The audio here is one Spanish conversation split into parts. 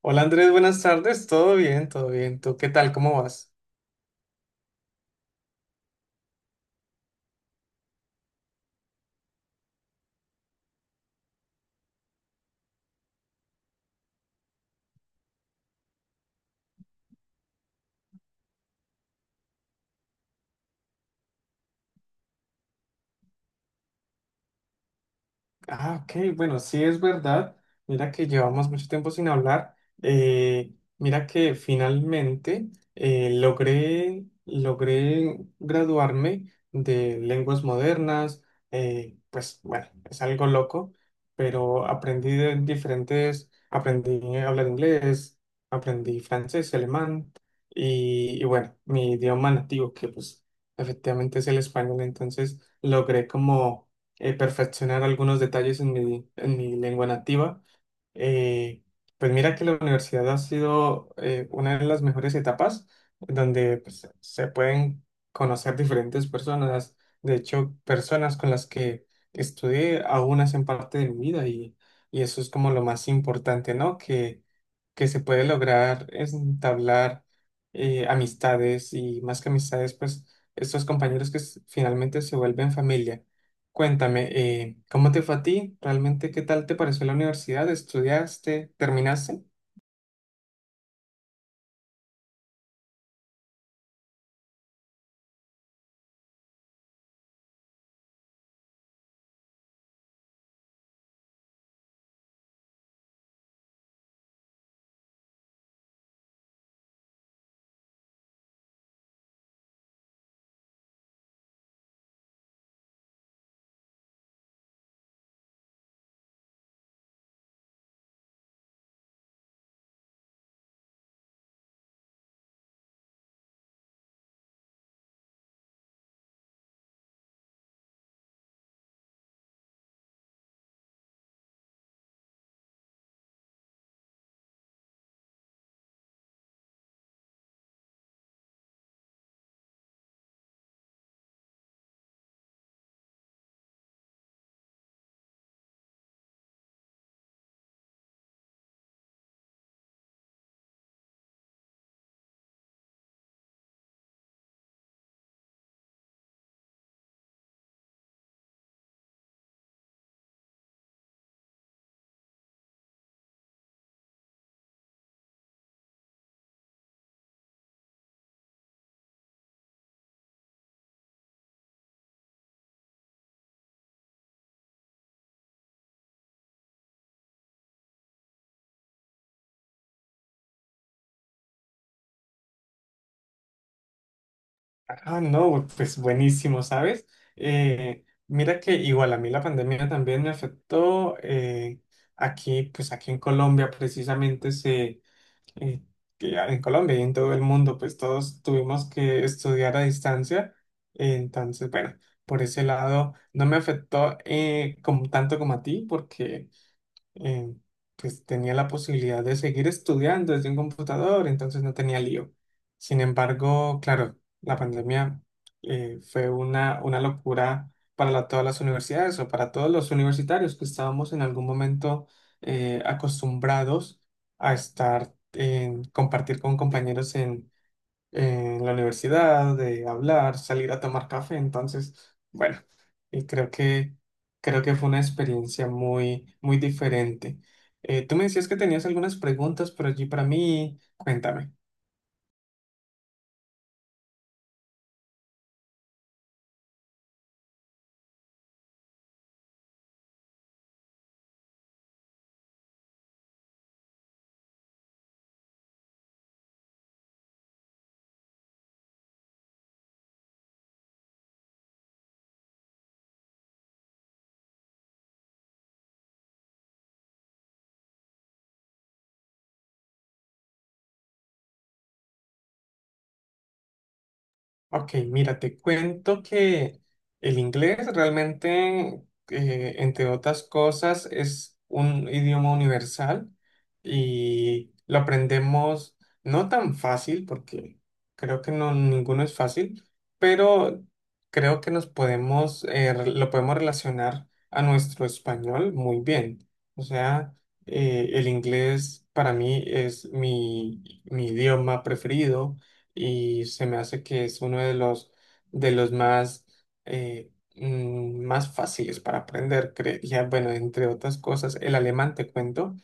Hola Andrés, buenas tardes. Todo bien, todo bien. ¿Tú qué tal? ¿Cómo vas? Ah, ok, bueno, sí es verdad. Mira que llevamos mucho tiempo sin hablar. Eh, Mira que finalmente logré graduarme de lenguas modernas. Pues bueno, es algo loco, pero aprendí de diferentes, aprendí a hablar inglés, aprendí francés, alemán y bueno, mi idioma nativo que pues efectivamente es el español. Entonces logré como perfeccionar algunos detalles en mi lengua nativa. Eh, pues mira que la universidad ha sido una de las mejores etapas donde pues, se pueden conocer diferentes personas. De hecho, personas con las que estudié aún hacen parte de mi vida y eso es como lo más importante, ¿no? Que se puede lograr es entablar amistades y más que amistades, pues estos compañeros que finalmente se vuelven familia. Cuéntame, ¿cómo te fue a ti? ¿Realmente qué tal te pareció la universidad? ¿Estudiaste? ¿Terminaste? Ah, no, pues buenísimo, ¿sabes? Mira que igual a mí la pandemia también me afectó. Aquí, pues aquí en Colombia precisamente se, eh, que ya en Colombia y en todo el mundo, pues todos tuvimos que estudiar a distancia. Entonces, bueno, por ese lado no me afectó como, tanto como a ti porque eh, pues tenía la posibilidad de seguir estudiando desde un computador, entonces no tenía lío. Sin embargo, claro, la pandemia fue una locura para todas las universidades o para todos los universitarios que estábamos en algún momento acostumbrados a estar en compartir con compañeros en la universidad, de hablar, salir a tomar café. Entonces, bueno, y creo que fue una experiencia muy, muy diferente. Tú me decías que tenías algunas preguntas por allí para mí. Cuéntame. Ok, mira, te cuento que el inglés realmente, entre otras cosas, es un idioma universal y lo aprendemos no tan fácil, porque creo que no, ninguno es fácil, pero creo que nos podemos, lo podemos relacionar a nuestro español muy bien. O sea, el inglés para mí es mi, mi idioma preferido y se me hace que es uno de los más, eh, más fáciles para aprender, creería. Bueno, entre otras cosas, el alemán, te cuento,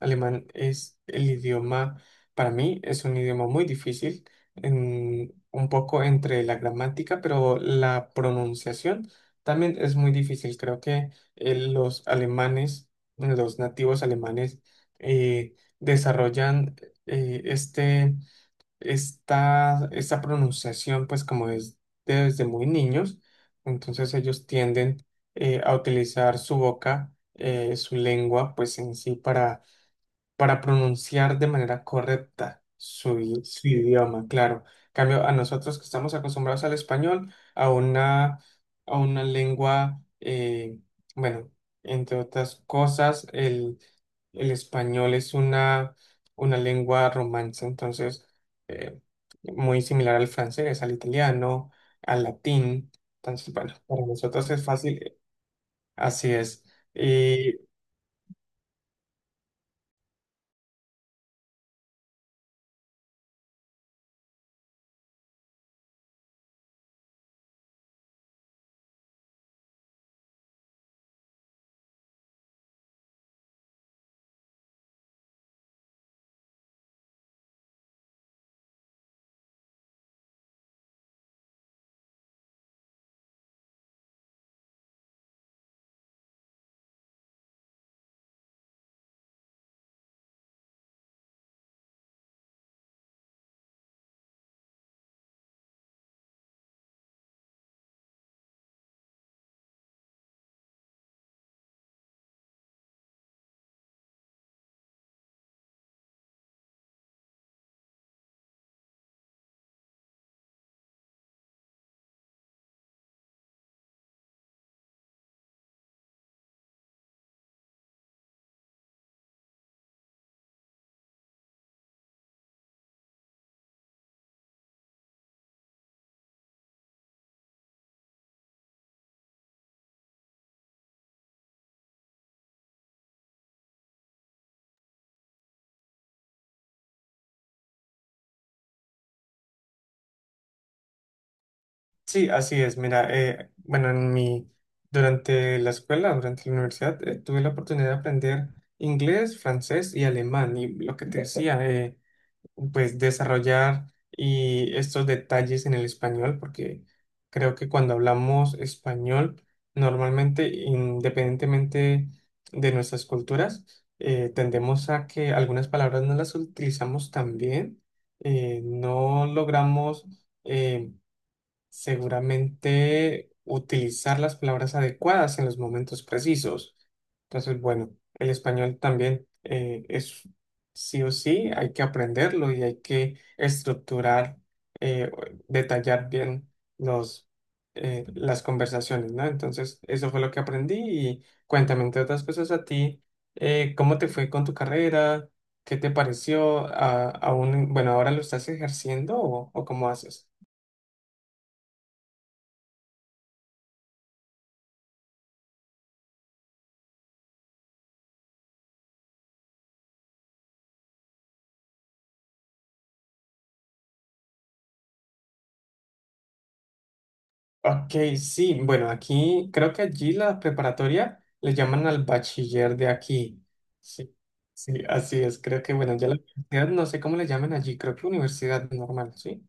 alemán es el idioma, para mí es un idioma muy difícil, un poco entre la gramática, pero la pronunciación también es muy difícil. Creo que los alemanes, los nativos alemanes, desarrollan eh, este esta, esta pronunciación, pues como es desde muy niños, entonces ellos tienden a utilizar su boca, su lengua, pues en sí para pronunciar de manera correcta su, su idioma, claro. En cambio, a nosotros que estamos acostumbrados al español, a una lengua, bueno, entre otras cosas, el español es una lengua romance, entonces, eh, muy similar al francés, al italiano, al latín. Entonces, bueno, para nosotros es fácil, así es. Sí, así es. Mira, bueno, en mi, durante la escuela, durante la universidad, tuve la oportunidad de aprender inglés, francés y alemán. Y lo que te decía, pues desarrollar y estos detalles en el español, porque creo que cuando hablamos español, normalmente, independientemente de nuestras culturas, tendemos a que algunas palabras no las utilizamos tan bien, no logramos em, seguramente utilizar las palabras adecuadas en los momentos precisos. Entonces, bueno, el español también es sí o sí, hay que aprenderlo y hay que estructurar, eh, detallar bien los, las conversaciones, ¿no? Entonces, eso fue lo que aprendí y cuéntame, entre otras cosas, a ti, ¿cómo te fue con tu carrera? ¿Qué te pareció? A- aún, bueno, ¿ahora lo estás ejerciendo o cómo haces? Ok, sí, bueno, aquí creo que allí la preparatoria le llaman al bachiller de aquí. Sí, sí, así es. Creo que, bueno, ya la universidad, no sé cómo le llaman allí, creo que universidad normal, ¿sí?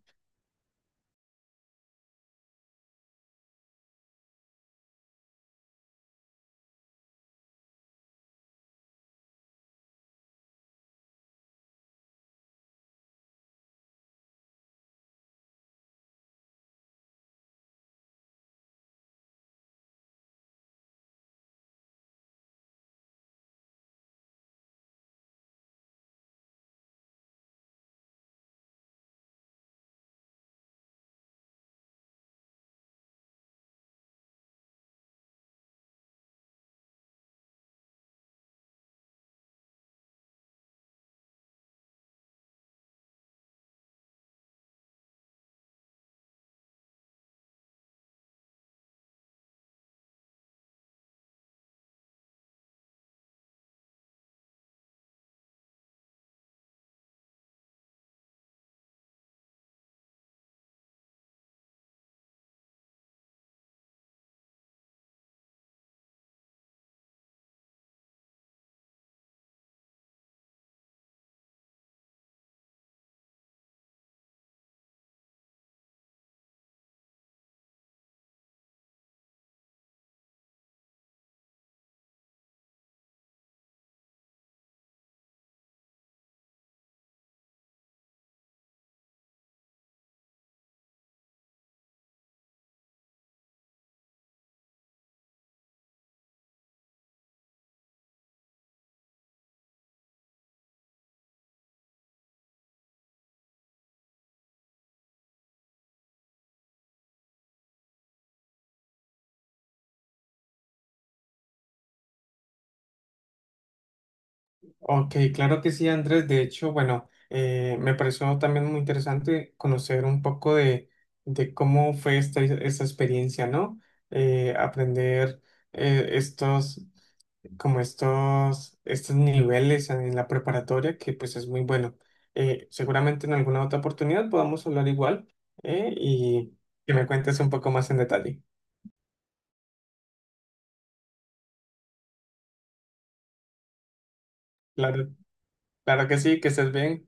Ok, claro que sí, Andrés. De hecho, bueno, me pareció también muy interesante conocer un poco de cómo fue esta, esta experiencia, ¿no? Aprender estos como estos, estos niveles en la preparatoria, que pues es muy bueno. Seguramente en alguna otra oportunidad podamos hablar igual y que me cuentes un poco más en detalle. Claro, claro que sí, que estés bien.